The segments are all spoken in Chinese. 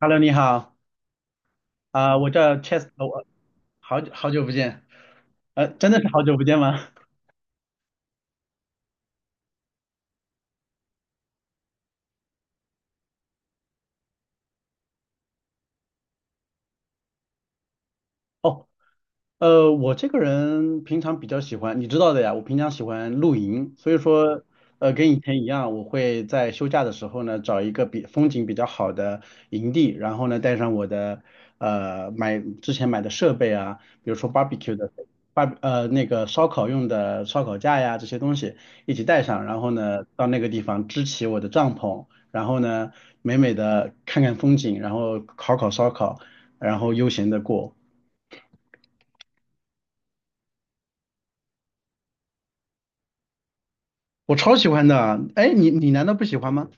Hello，你好，啊、我叫 c h e s t 我好久好久不见，真的是好久不见吗？哦。我这个人平常比较喜欢，你知道的呀，我平常喜欢露营，所以说，跟以前一样，我会在休假的时候呢，找一个比风景比较好的营地，然后呢，带上我的之前买的设备啊，比如说 barbecue 的 那个烧烤用的烧烤架呀这些东西一起带上，然后呢，到那个地方支起我的帐篷，然后呢，美美的看看风景，然后烤烤烧烤，然后悠闲的过。我超喜欢的。哎，你难道不喜欢吗？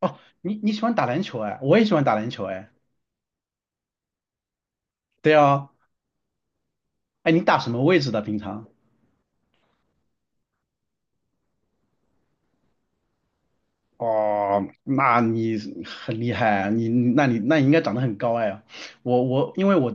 哦，你喜欢打篮球哎，我也喜欢打篮球哎。对啊，哎，你打什么位置的平常？哦，那你很厉害啊。你应该长得很高哎。我我因为我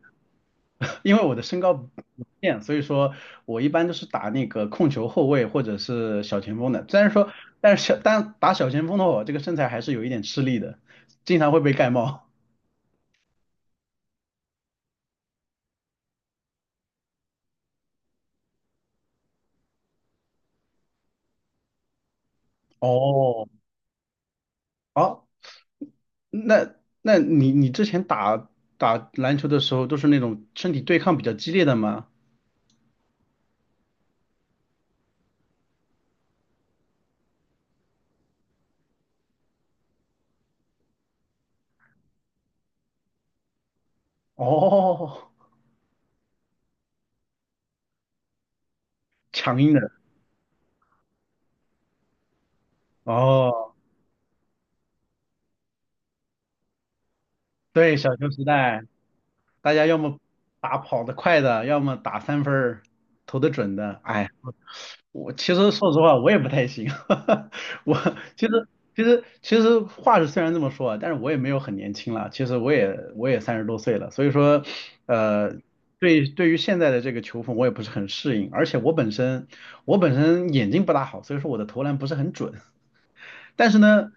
因为我的身高不变，所以说我一般都是打那个控球后卫或者是小前锋的。虽然说，但是打小前锋的话，我这个身材还是有一点吃力的，经常会被盖帽。哦，好。那那你之前打篮球的时候都是那种身体对抗比较激烈的吗？哦，强硬的。哦，对，小球时代，大家要么打跑得快的，要么打三分儿投得准的。哎，我其实说实话，我也不太行。我其实其实话是虽然这么说啊，但是我也没有很年轻了。其实我也30多岁了，所以说，呃，对于现在的这个球风，我也不是很适应。而且我本身眼睛不大好，所以说我的投篮不是很准。但是呢，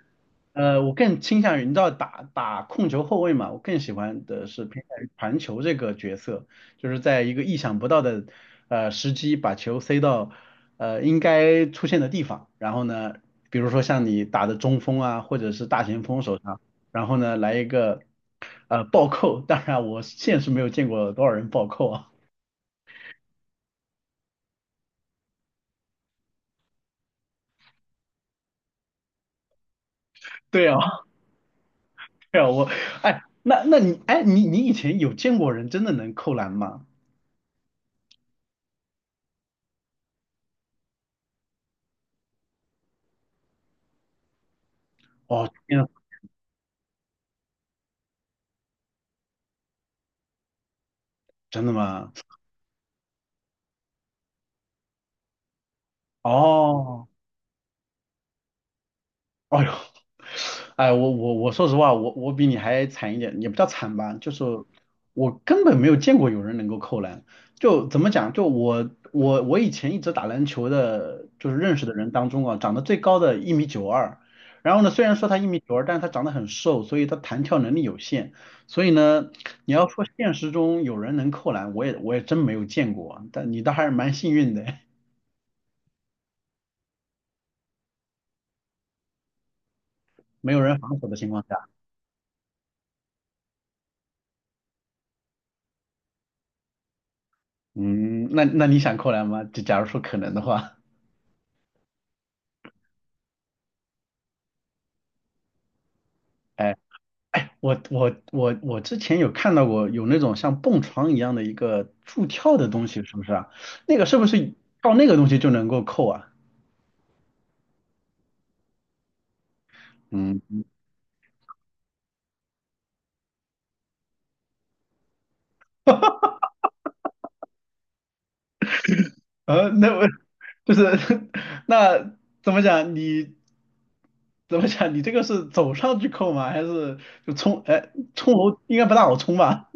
我更倾向于你知道打控球后卫嘛，我更喜欢的是偏向于传球这个角色，就是在一个意想不到的时机把球塞到应该出现的地方，然后呢，比如说像你打的中锋啊，或者是大前锋手上，然后呢来一个暴扣，当然我现实没有见过多少人暴扣啊，对啊，对啊，哎，那那你哎你你以前有见过人真的能扣篮吗？哦，天啊，真的吗？哦，哎呦，哎，我说实话，我比你还惨一点，也不叫惨吧，就是我根本没有见过有人能够扣篮。就怎么讲，就我以前一直打篮球的，就是认识的人当中啊，长得最高的一米九二，然后呢，虽然说他一米九二，但是他长得很瘦，所以他弹跳能力有限，所以呢，你要说现实中有人能扣篮，我也真没有见过啊，但你倒还是蛮幸运的，没有人防守的情况下。嗯，那你想扣篮吗？就假如说可能的话，哎，我之前有看到过有那种像蹦床一样的一个助跳的东西，是不是啊？那个是不是靠那个东西就能够扣啊？嗯，那我就是 那怎么讲？你怎么讲？你这个是走上去扣吗？还是就冲？哎，冲楼应该不大好冲吧？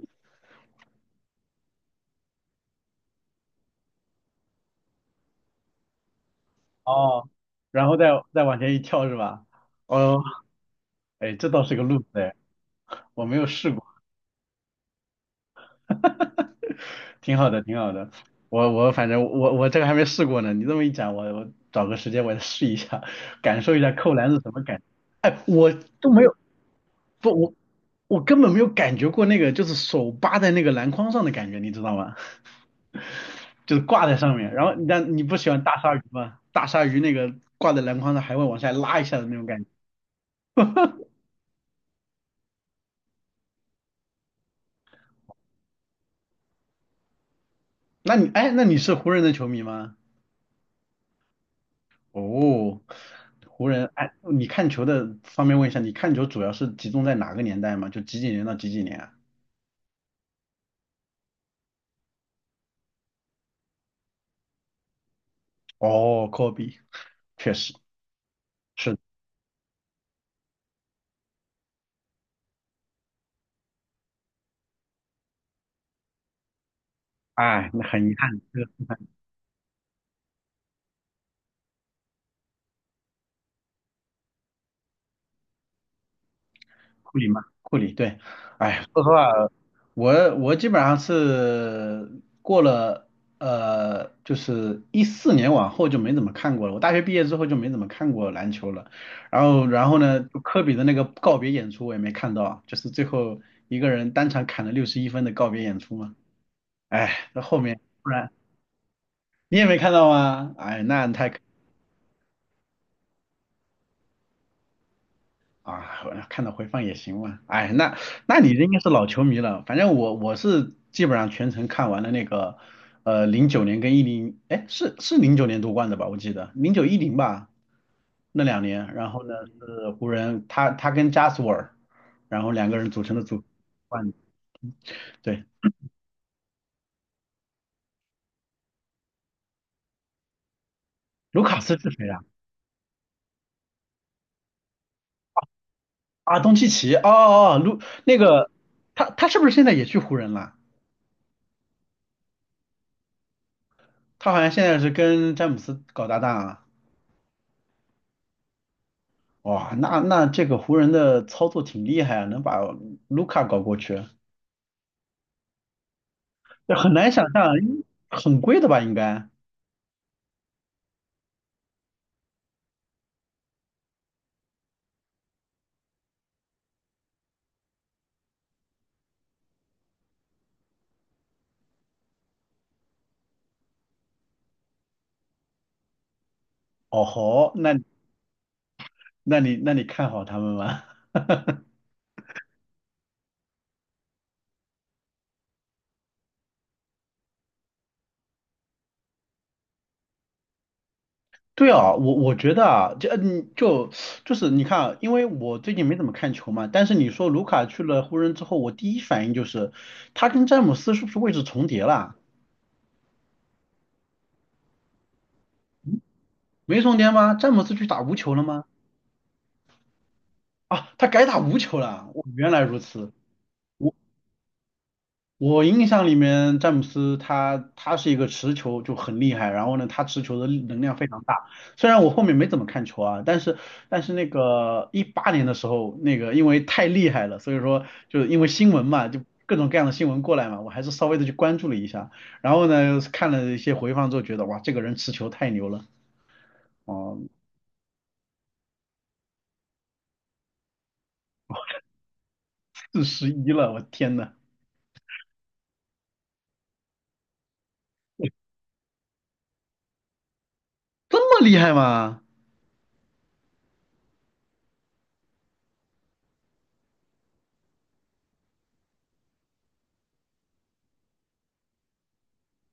哦，然后再往前一跳是吧？哦，哎，这倒是个路子哎，我没有试过。挺好的，挺好的。我反正我这个还没试过呢，你这么一讲，我找个时间我也试一下，感受一下扣篮是什么感觉。哎，我都没有，不，我根本没有感觉过那个就是手扒在那个篮筐上的感觉，你知道吗？就是挂在上面，然后但你不喜欢大鲨鱼吗？大鲨鱼那个挂在篮筐上还会往下拉一下的那种感觉。那你是湖人的球迷吗？哦，湖人，哎，你看球的方面问一下，你看球主要是集中在哪个年代吗？就几几年到几几年啊？哦，科比，确实是，哎，那很遗憾，库里嘛，库里对，哎呀，说实话，我基本上是过了就是14年往后就没怎么看过了。我大学毕业之后就没怎么看过篮球了。然后呢，就科比的那个告别演出我也没看到，就是最后一个人单场砍了61分的告别演出嘛。哎，那后面不然你也没看到吗？哎，那太可。啊，我看到回放也行嘛。哎，那你应该是老球迷了。反正我是基本上全程看完了那个，零九年跟一零，哎，是零九年夺冠的吧？我记得09-10吧，那两年。然后呢是湖人，他跟加索尔，然后两个人组成的组冠。对，卢卡斯是谁啊？啊，东契奇。哦哦，哦卢那个他是不是现在也去湖人了？他好像现在是跟詹姆斯搞搭档啊。哇，那这个湖人的操作挺厉害啊，能把卢卡搞过去，这很难想象啊，很贵的吧？应该。哦吼，那你看好他们吗？对啊，我觉得啊，这就是你看啊，因为我最近没怎么看球嘛，但是你说卢卡去了湖人之后，我第一反应就是他跟詹姆斯是不是位置重叠了？没重叠吗？詹姆斯去打无球了吗？啊，他改打无球了啊。我原来如此。我印象里面，詹姆斯他是一个持球就很厉害，然后呢，他持球的力能量非常大。虽然我后面没怎么看球啊，但是那个18年的时候，那个因为太厉害了，所以说就是因为新闻嘛，就各种各样的新闻过来嘛，我还是稍微的去关注了一下。然后呢，看了一些回放之后，觉得哇，这个人持球太牛了，哦，41了，我天呐，这么厉害吗？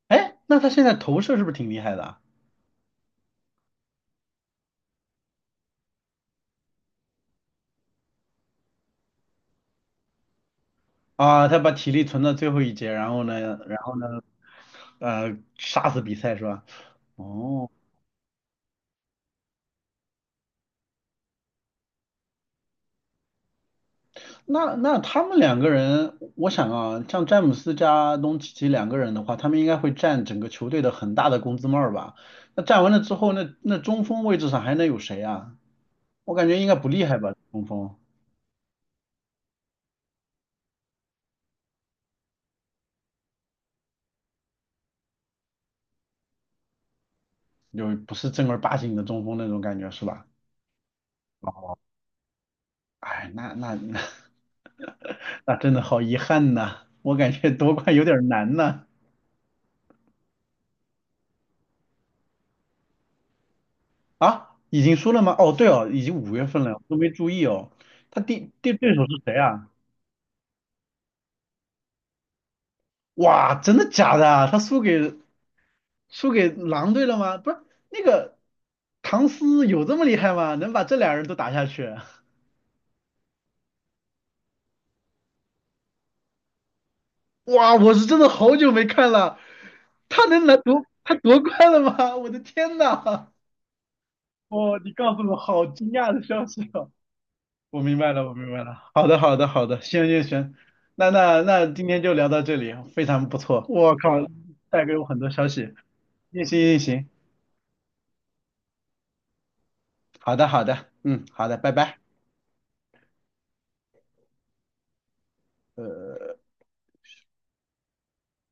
哎，那他现在投射是不是挺厉害的啊？啊，他把体力存到最后一节，然后呢？杀死比赛是吧？哦，那他们两个人，我想啊，像詹姆斯加东契奇两个人的话，他们应该会占整个球队的很大的工资帽儿吧？那占完了之后，那中锋位置上还能有谁啊？我感觉应该不厉害吧，中锋就不是正儿八经的中锋那种感觉是吧？哎，那那那 那真的好遗憾呐，我感觉夺冠有点难呐。啊，已经输了吗？哦，对哦，已经5月份了，我都没注意哦。他对手是谁啊？哇，真的假的啊？他输给狼队了吗？不是，那个唐斯有这么厉害吗？能把这俩人都打下去？哇，我是真的好久没看了，他能拿夺他夺冠了吗？我的天呐！哦，你告诉我好惊讶的消息哦！我明白了，我明白了。好的，好的，好的，行行行，那今天就聊到这里，非常不错。我靠，带给我很多消息。运行运行，好的好的，嗯，好的，拜拜。呃。